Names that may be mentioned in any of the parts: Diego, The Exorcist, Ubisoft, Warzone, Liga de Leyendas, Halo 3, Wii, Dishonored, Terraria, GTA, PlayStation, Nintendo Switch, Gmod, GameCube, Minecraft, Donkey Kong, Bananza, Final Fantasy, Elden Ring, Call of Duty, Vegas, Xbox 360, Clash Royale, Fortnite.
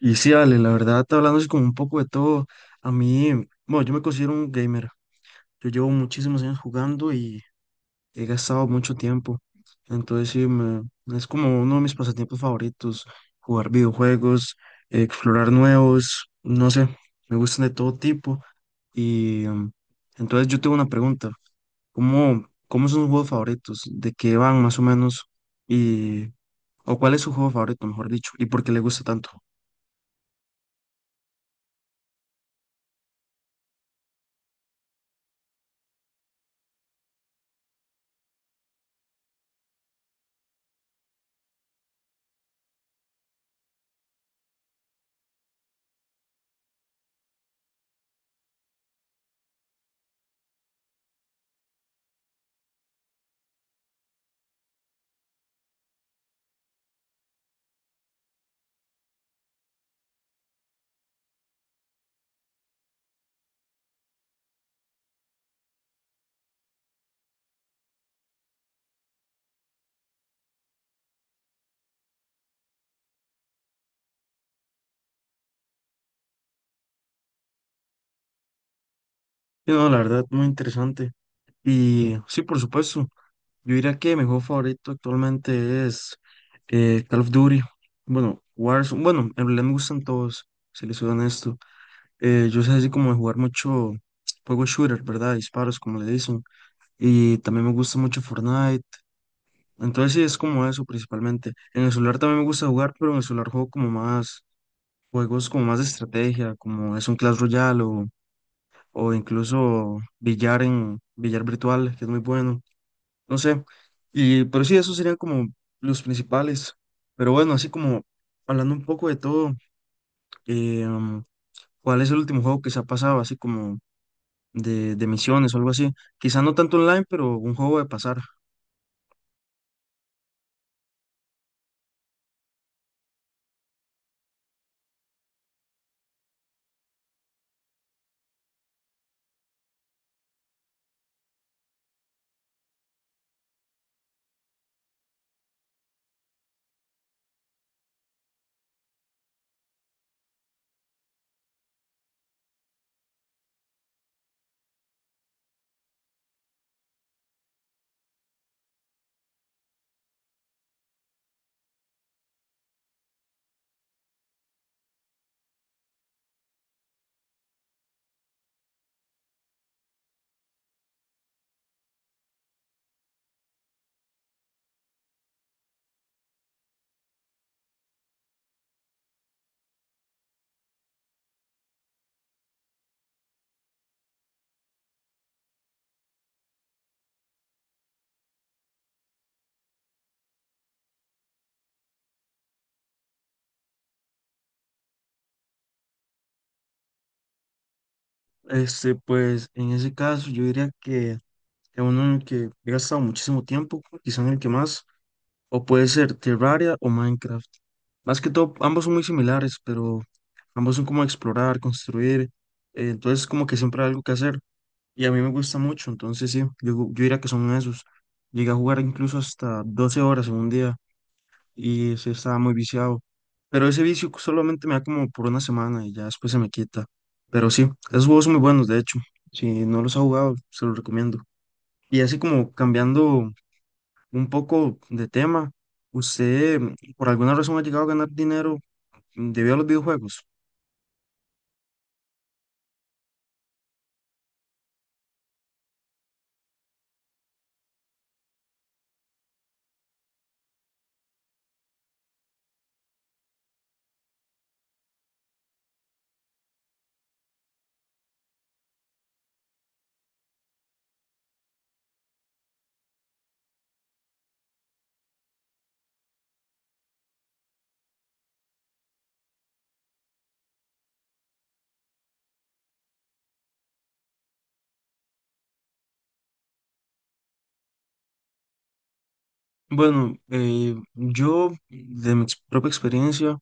Y sí, Ale, la verdad, hablando así como un poco de todo, a mí, bueno, yo me considero un gamer. Yo llevo muchísimos años jugando y he gastado mucho tiempo. Entonces, sí, es como uno de mis pasatiempos favoritos, jugar videojuegos, explorar nuevos, no sé, me gustan de todo tipo. Y em, entonces yo tengo una pregunta, ¿cómo son sus juegos favoritos? ¿De qué van más o menos? Y, o cuál es su juego favorito, mejor dicho, y por qué le gusta tanto. Y no, la verdad, muy interesante. Y sí, por supuesto, yo diría que mi juego favorito actualmente es Call of Duty. Bueno, Warzone, bueno, en realidad me gustan todos, si les soy honesto. Yo soy así como de jugar mucho juego shooter, ¿verdad? Disparos, como le dicen. Y también me gusta mucho Fortnite. Entonces sí, es como eso principalmente. En el celular también me gusta jugar, pero en el celular juego como más juegos como más de estrategia, como es un Clash Royale o incluso billar en billar virtual, que es muy bueno. No sé. Y, pero sí, esos serían como los principales. Pero bueno, así como hablando un poco de todo, eh, um, ¿cuál es el último juego que se ha pasado? Así como de misiones o algo así. Quizá no tanto online, pero un juego de pasar. Este, pues en ese caso yo diría que es uno en el que he gastado muchísimo tiempo, quizá en el que más, o puede ser Terraria o Minecraft. Más que todo, ambos son muy similares, pero ambos son como explorar, construir, entonces como que siempre hay algo que hacer. Y a mí me gusta mucho, entonces sí, yo diría que son esos. Llegué a jugar incluso hasta 12 horas en un día y sí estaba muy viciado. Pero ese vicio solamente me da como por una semana y ya después se me quita. Pero sí, esos juegos son muy buenos, de hecho. Si no los ha jugado, se los recomiendo. Y así como cambiando un poco de tema, ¿usted por alguna razón ha llegado a ganar dinero debido a los videojuegos? Bueno, yo de mi propia experiencia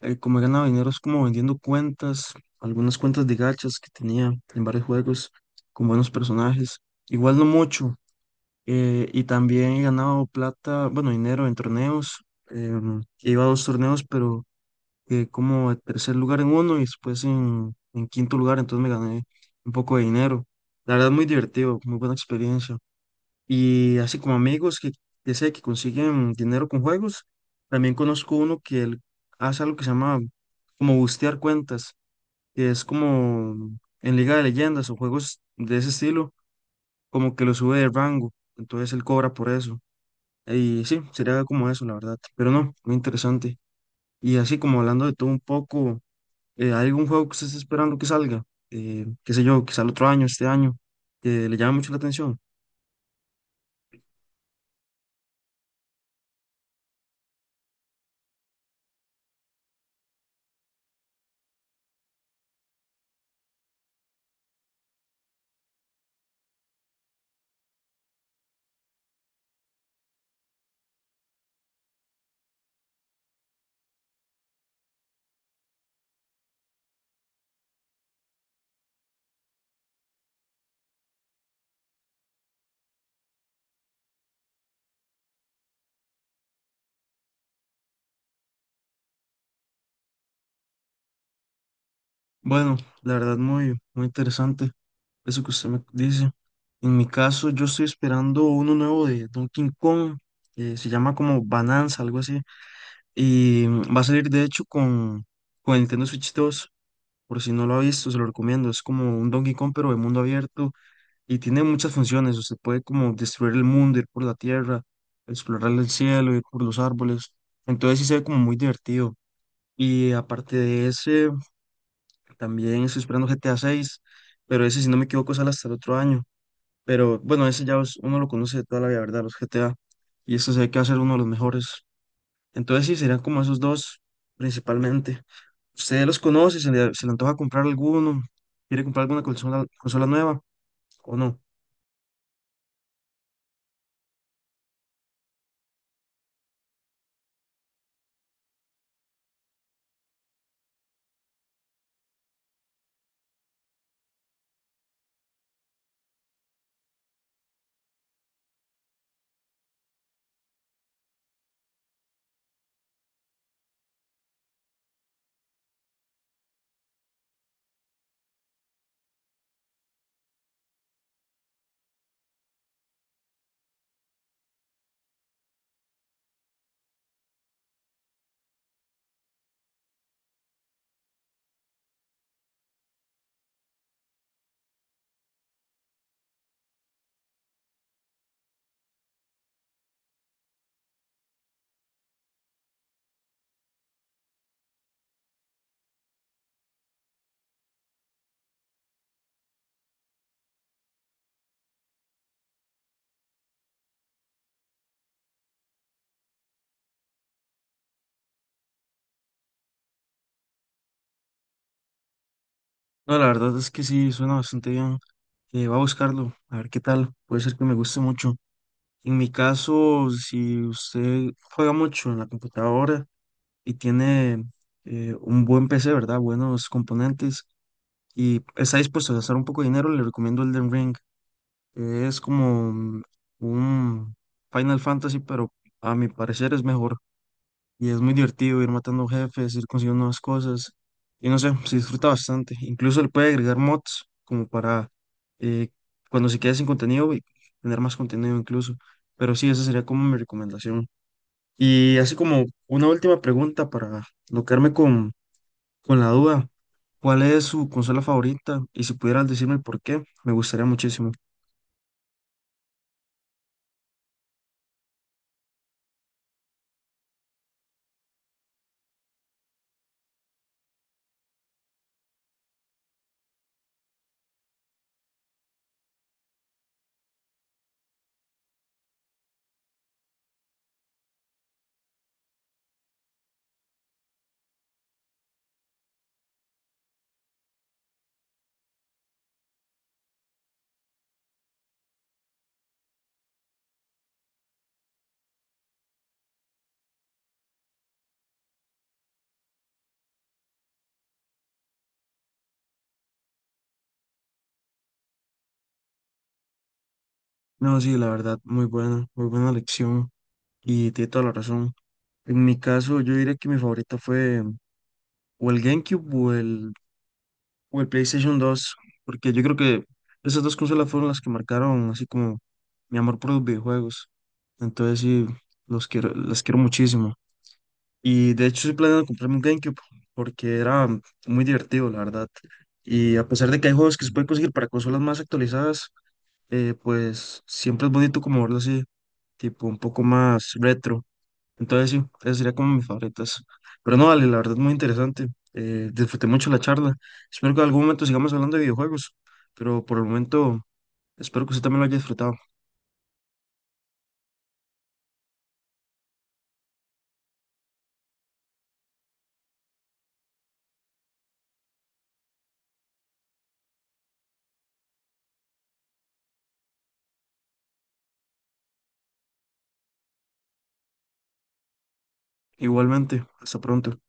como he ganado dinero es como vendiendo cuentas, algunas cuentas de gachas que tenía en varios juegos con buenos personajes. Igual no mucho. Y también he ganado plata, bueno, dinero en torneos. Iba a dos torneos, pero como en tercer lugar en uno y después en quinto lugar, entonces me gané un poco de dinero. La verdad, muy divertido, muy buena experiencia. Y así como amigos que sé que consiguen dinero con juegos, también conozco uno que él hace algo que se llama como bustear cuentas, que es como en Liga de Leyendas o juegos de ese estilo, como que lo sube de rango, entonces él cobra por eso. Y sí, sería como eso, la verdad, pero no, muy interesante. Y así como hablando de todo un poco, ¿hay algún juego que usted esté esperando que salga? Qué sé yo, quizá el otro año, este año, que le llama mucho la atención. Bueno, la verdad muy, muy interesante. Eso que usted me dice. En mi caso, yo estoy esperando uno nuevo de Donkey Kong, se llama como Bananza, algo así, y va a salir de hecho con el Nintendo Switch 2, por si no lo ha visto, se lo recomiendo, es como un Donkey Kong pero de mundo abierto y tiene muchas funciones, usted puede como destruir el mundo, ir por la tierra, explorar el cielo, ir por los árboles, entonces sí se ve como muy divertido. Y aparte de ese, también estoy esperando GTA 6, pero ese si no me equivoco sale hasta el otro año. Pero bueno, ese ya uno lo conoce de toda la vida, ¿verdad? Los GTA. Y esto se ve que va a ser uno de los mejores. Entonces sí, serían como esos dos principalmente. ¿Usted los conoce? ¿Se le antoja comprar alguno? ¿Quiere comprar alguna consola nueva o no? No, la verdad es que sí, suena bastante bien. Voy a buscarlo, a ver qué tal. Puede ser que me guste mucho. En mi caso, si usted juega mucho en la computadora y tiene un buen PC, ¿verdad? Buenos componentes. Y está dispuesto a gastar un poco de dinero, le recomiendo Elden Ring. Es como un Final Fantasy, pero a mi parecer es mejor. Y es muy divertido ir matando jefes, ir consiguiendo nuevas cosas. Y no sé, se disfruta bastante. Incluso le puede agregar mods como para eh, cuando se quede sin contenido y tener más contenido incluso. Pero sí, esa sería como mi recomendación. Y así como una última pregunta para no quedarme con la duda, ¿cuál es su consola favorita? Y si pudieras decirme por qué, me gustaría muchísimo. No, sí, la verdad, muy buena lección y tiene toda la razón. En mi caso, yo diría que mi favorita fue o el GameCube o el PlayStation 2 porque yo creo que esas dos consolas fueron las que marcaron así como mi amor por los videojuegos. Entonces, sí, los quiero, las quiero muchísimo. Y de hecho estoy planeando comprarme un GameCube porque era muy divertido, la verdad. Y a pesar de que hay juegos que se pueden conseguir para consolas más actualizadas, pues siempre es bonito como verlo así, tipo un poco más retro. Entonces sí, esas serían como mis favoritas. Pero no, vale, la verdad muy interesante. Disfruté mucho la charla. Espero que en algún momento sigamos hablando de videojuegos, pero por el momento espero que usted también lo haya disfrutado. Igualmente, hasta pronto.